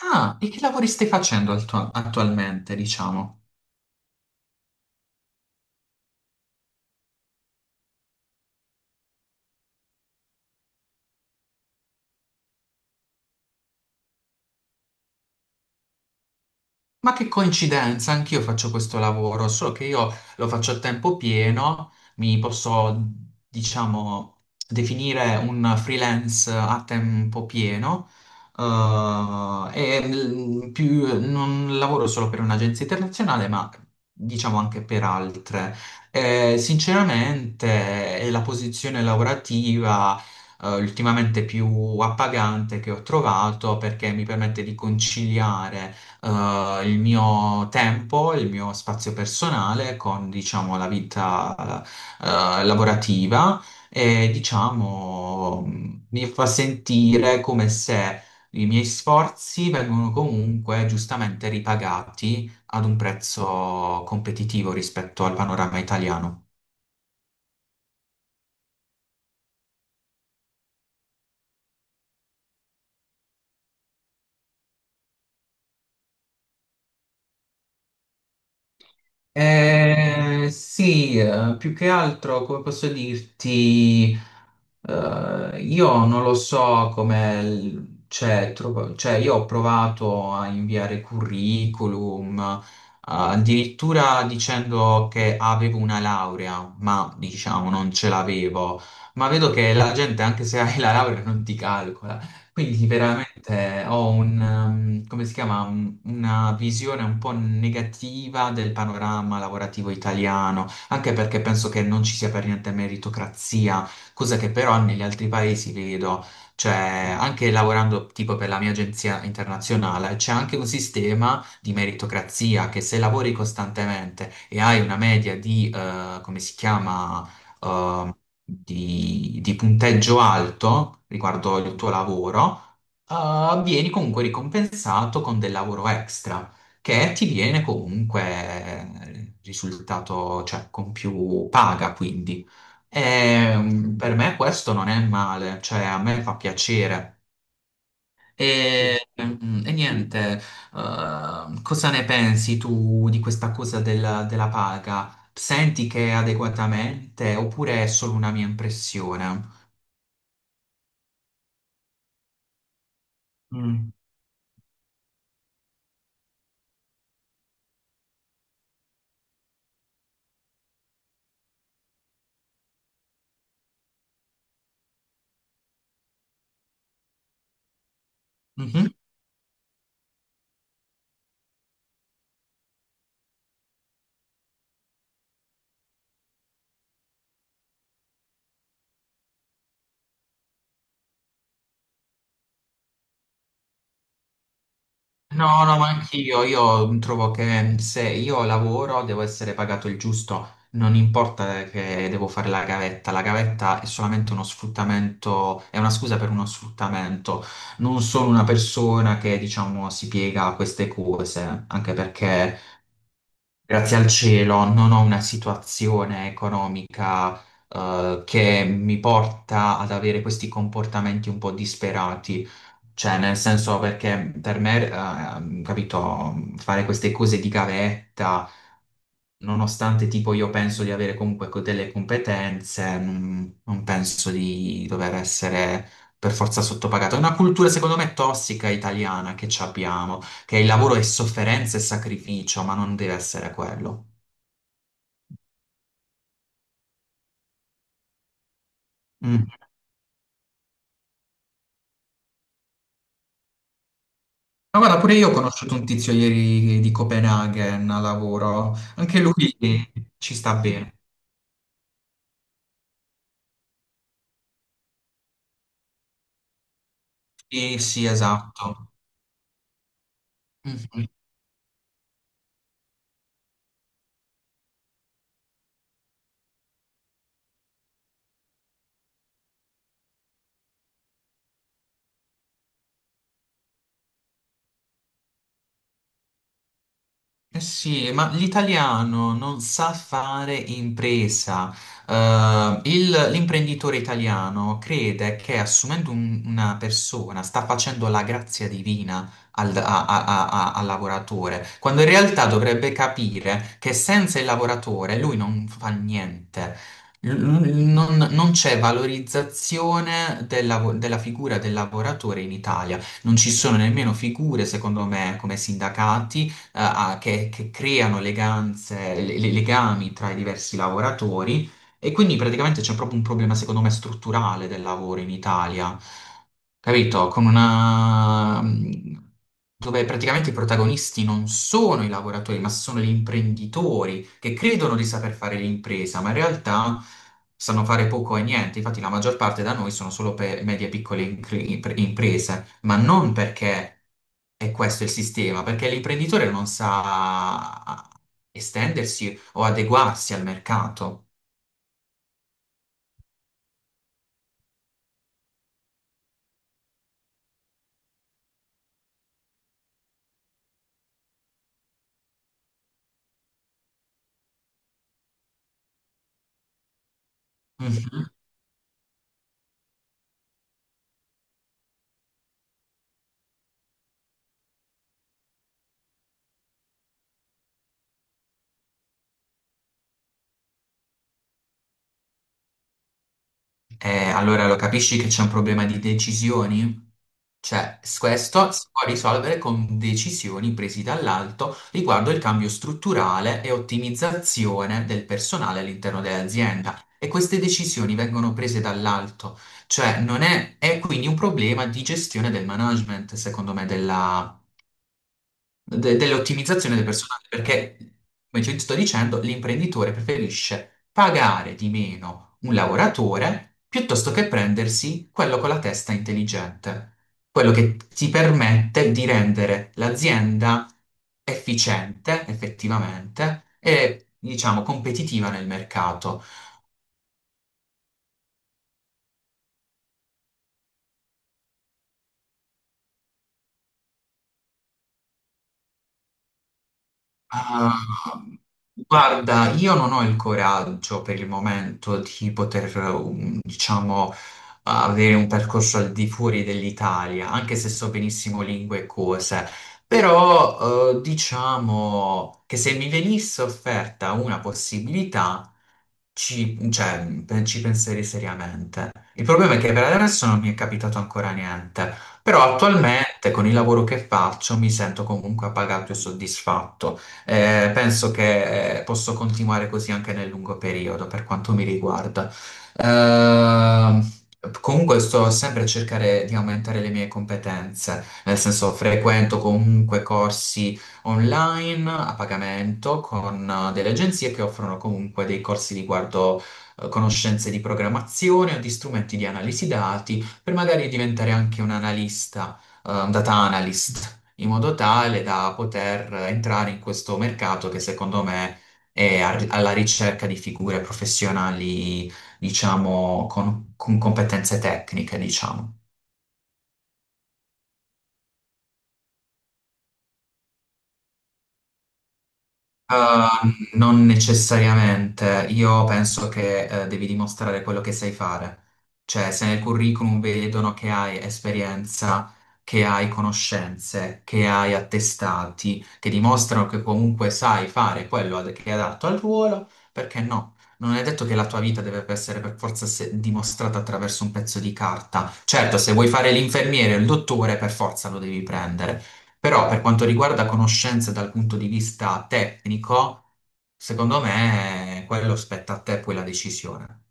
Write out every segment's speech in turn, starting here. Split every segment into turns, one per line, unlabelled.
Ah, e che lavori stai facendo attualmente, diciamo? Ma che coincidenza, anch'io faccio questo lavoro, solo che io lo faccio a tempo pieno, mi posso, diciamo, definire un freelance a tempo pieno, e non lavoro solo per un'agenzia internazionale, ma diciamo anche per altre. Sinceramente, è la posizione lavorativa ultimamente più appagante che ho trovato perché mi permette di conciliare il mio tempo, il mio spazio personale con, diciamo, la vita, lavorativa e, diciamo, mi fa sentire come se i miei sforzi vengono comunque giustamente ripagati ad un prezzo competitivo rispetto al panorama italiano. Sì, più che altro, come posso dirti, io non lo so come, cioè, cioè, io ho provato a inviare curriculum, addirittura dicendo che avevo una laurea, ma diciamo non ce l'avevo, ma vedo che la gente, anche se hai la laurea, non ti calcola. Quindi sì, veramente ho un, come si chiama, una visione un po' negativa del panorama lavorativo italiano, anche perché penso che non ci sia per niente meritocrazia, cosa che però negli altri paesi vedo, cioè anche lavorando tipo per la mia agenzia internazionale, c'è anche un sistema di meritocrazia che se lavori costantemente e hai una media di, come si chiama, ehm, di punteggio alto riguardo il tuo lavoro, vieni comunque ricompensato con del lavoro extra, che ti viene comunque risultato, cioè con più paga, quindi. E, per me questo non è male, cioè a me fa piacere. Sì. E, e niente, cosa ne pensi tu di questa cosa della paga? Senti che è adeguatamente oppure è solo una mia impressione? Mm. Mhm. No, no, ma anch'io, io trovo che se io lavoro devo essere pagato il giusto, non importa che devo fare la gavetta è solamente uno sfruttamento, è una scusa per uno sfruttamento, non sono una persona che diciamo si piega a queste cose, anche perché grazie al cielo non ho una situazione economica, che mi porta ad avere questi comportamenti un po' disperati. Cioè, nel senso perché per me, capito, fare queste cose di gavetta, nonostante tipo io penso di avere comunque delle competenze, non penso di dover essere per forza sottopagato. È una cultura, secondo me, tossica italiana che ci abbiamo, che il lavoro è sofferenza e sacrificio, ma non deve essere quello. Mm. Ma guarda, pure io ho conosciuto un tizio ieri di Copenaghen a lavoro, anche lui ci sta bene. Sì, sì, esatto. Mhm. Eh sì, ma l'italiano non sa fare impresa. L'imprenditore italiano crede che assumendo una persona sta facendo la grazia divina al, al lavoratore, quando in realtà dovrebbe capire che senza il lavoratore lui non fa niente. Non c'è valorizzazione del della figura del lavoratore in Italia. Non ci sono nemmeno figure, secondo me, come sindacati, che creano eleganze, legami tra i diversi lavoratori e quindi praticamente c'è proprio un problema, secondo me, strutturale del lavoro in Italia, capito? Con una... dove praticamente i protagonisti non sono i lavoratori, ma sono gli imprenditori che credono di saper fare l'impresa, ma in realtà sanno fare poco e niente. Infatti la maggior parte da noi sono solo per medie e piccole imprese, ma non perché e questo è il sistema, perché l'imprenditore non sa estendersi o adeguarsi al mercato. Mhm. Allora lo capisci che c'è un problema di decisioni? Cioè, questo si può risolvere con decisioni prese dall'alto riguardo il cambio strutturale e ottimizzazione del personale all'interno dell'azienda. E queste decisioni vengono prese dall'alto, cioè non è, è quindi un problema di gestione del management, secondo me, della dell'ottimizzazione del personale, perché, come ti sto dicendo, l'imprenditore preferisce pagare di meno un lavoratore piuttosto che prendersi quello con la testa intelligente, quello che ti permette di rendere l'azienda efficiente, effettivamente, e diciamo competitiva nel mercato. Ah, guarda, io non ho il coraggio per il momento di poter, diciamo, avere un percorso al di fuori dell'Italia, anche se so benissimo lingue e cose. Però, diciamo che se mi venisse offerta una possibilità, cioè, ci penserei seriamente. Il problema è che per adesso non mi è capitato ancora niente, però attualmente con il lavoro che faccio mi sento comunque appagato e soddisfatto. Penso che posso continuare così anche nel lungo periodo, per quanto mi riguarda. Ehm, Comunque sto sempre a cercare di aumentare le mie competenze, nel senso frequento comunque corsi online a pagamento con delle agenzie che offrono comunque dei corsi riguardo conoscenze di programmazione o di strumenti di analisi dati per magari diventare anche un analista, un data analyst, in modo tale da poter entrare in questo mercato che secondo me è alla ricerca di figure professionali, diciamo, con competenze tecniche, diciamo. Non necessariamente, io penso che devi dimostrare quello che sai fare, cioè se nel curriculum vedono che hai esperienza, che hai conoscenze, che hai attestati, che dimostrano che comunque sai fare quello che è adatto al ruolo, perché no? Non è detto che la tua vita deve essere per forza dimostrata attraverso un pezzo di carta. Certo, se vuoi fare l'infermiere o il dottore, per forza lo devi prendere. Però per quanto riguarda conoscenze dal punto di vista tecnico, secondo me quello spetta a te poi la decisione.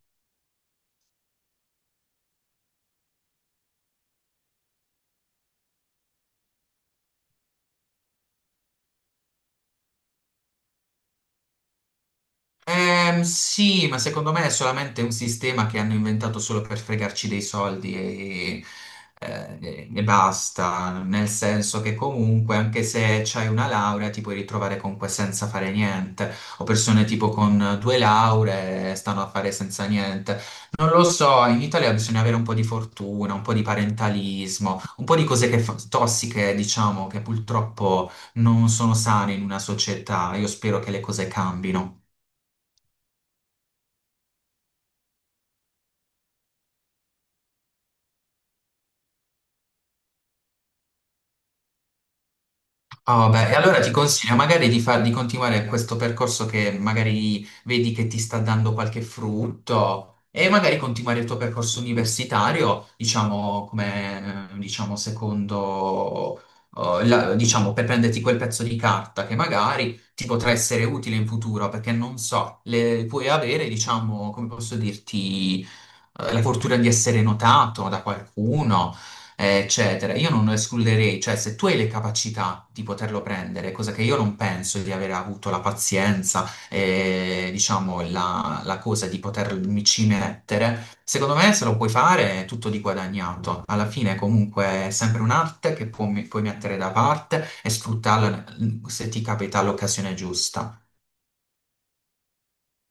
Sì, ma secondo me è solamente un sistema che hanno inventato solo per fregarci dei soldi e basta, nel senso che comunque anche se c'hai una laurea ti puoi ritrovare comunque senza fare niente, o persone tipo con due lauree stanno a fare senza niente. Non lo so, in Italia bisogna avere un po' di fortuna, un po' di parentalismo, un po' di cose che tossiche, diciamo, che purtroppo non sono sane in una società. Io spero che le cose cambino. Ah, vabbè, e allora ti consiglio magari di, di continuare questo percorso che magari vedi che ti sta dando qualche frutto e magari continuare il tuo percorso universitario, diciamo, come, diciamo, secondo, diciamo, per prenderti quel pezzo di carta che magari ti potrà essere utile in futuro, perché non so, le, puoi avere, diciamo, come posso dirti, la fortuna di essere notato da qualcuno eccetera. Io non lo escluderei, cioè se tu hai le capacità di poterlo prendere, cosa che io non penso di aver avuto la pazienza e diciamo la cosa di potermi ci mettere, secondo me se lo puoi fare è tutto di guadagnato. Alla fine comunque è sempre un'arte che puoi mettere da parte e sfruttarla se ti capita l'occasione giusta.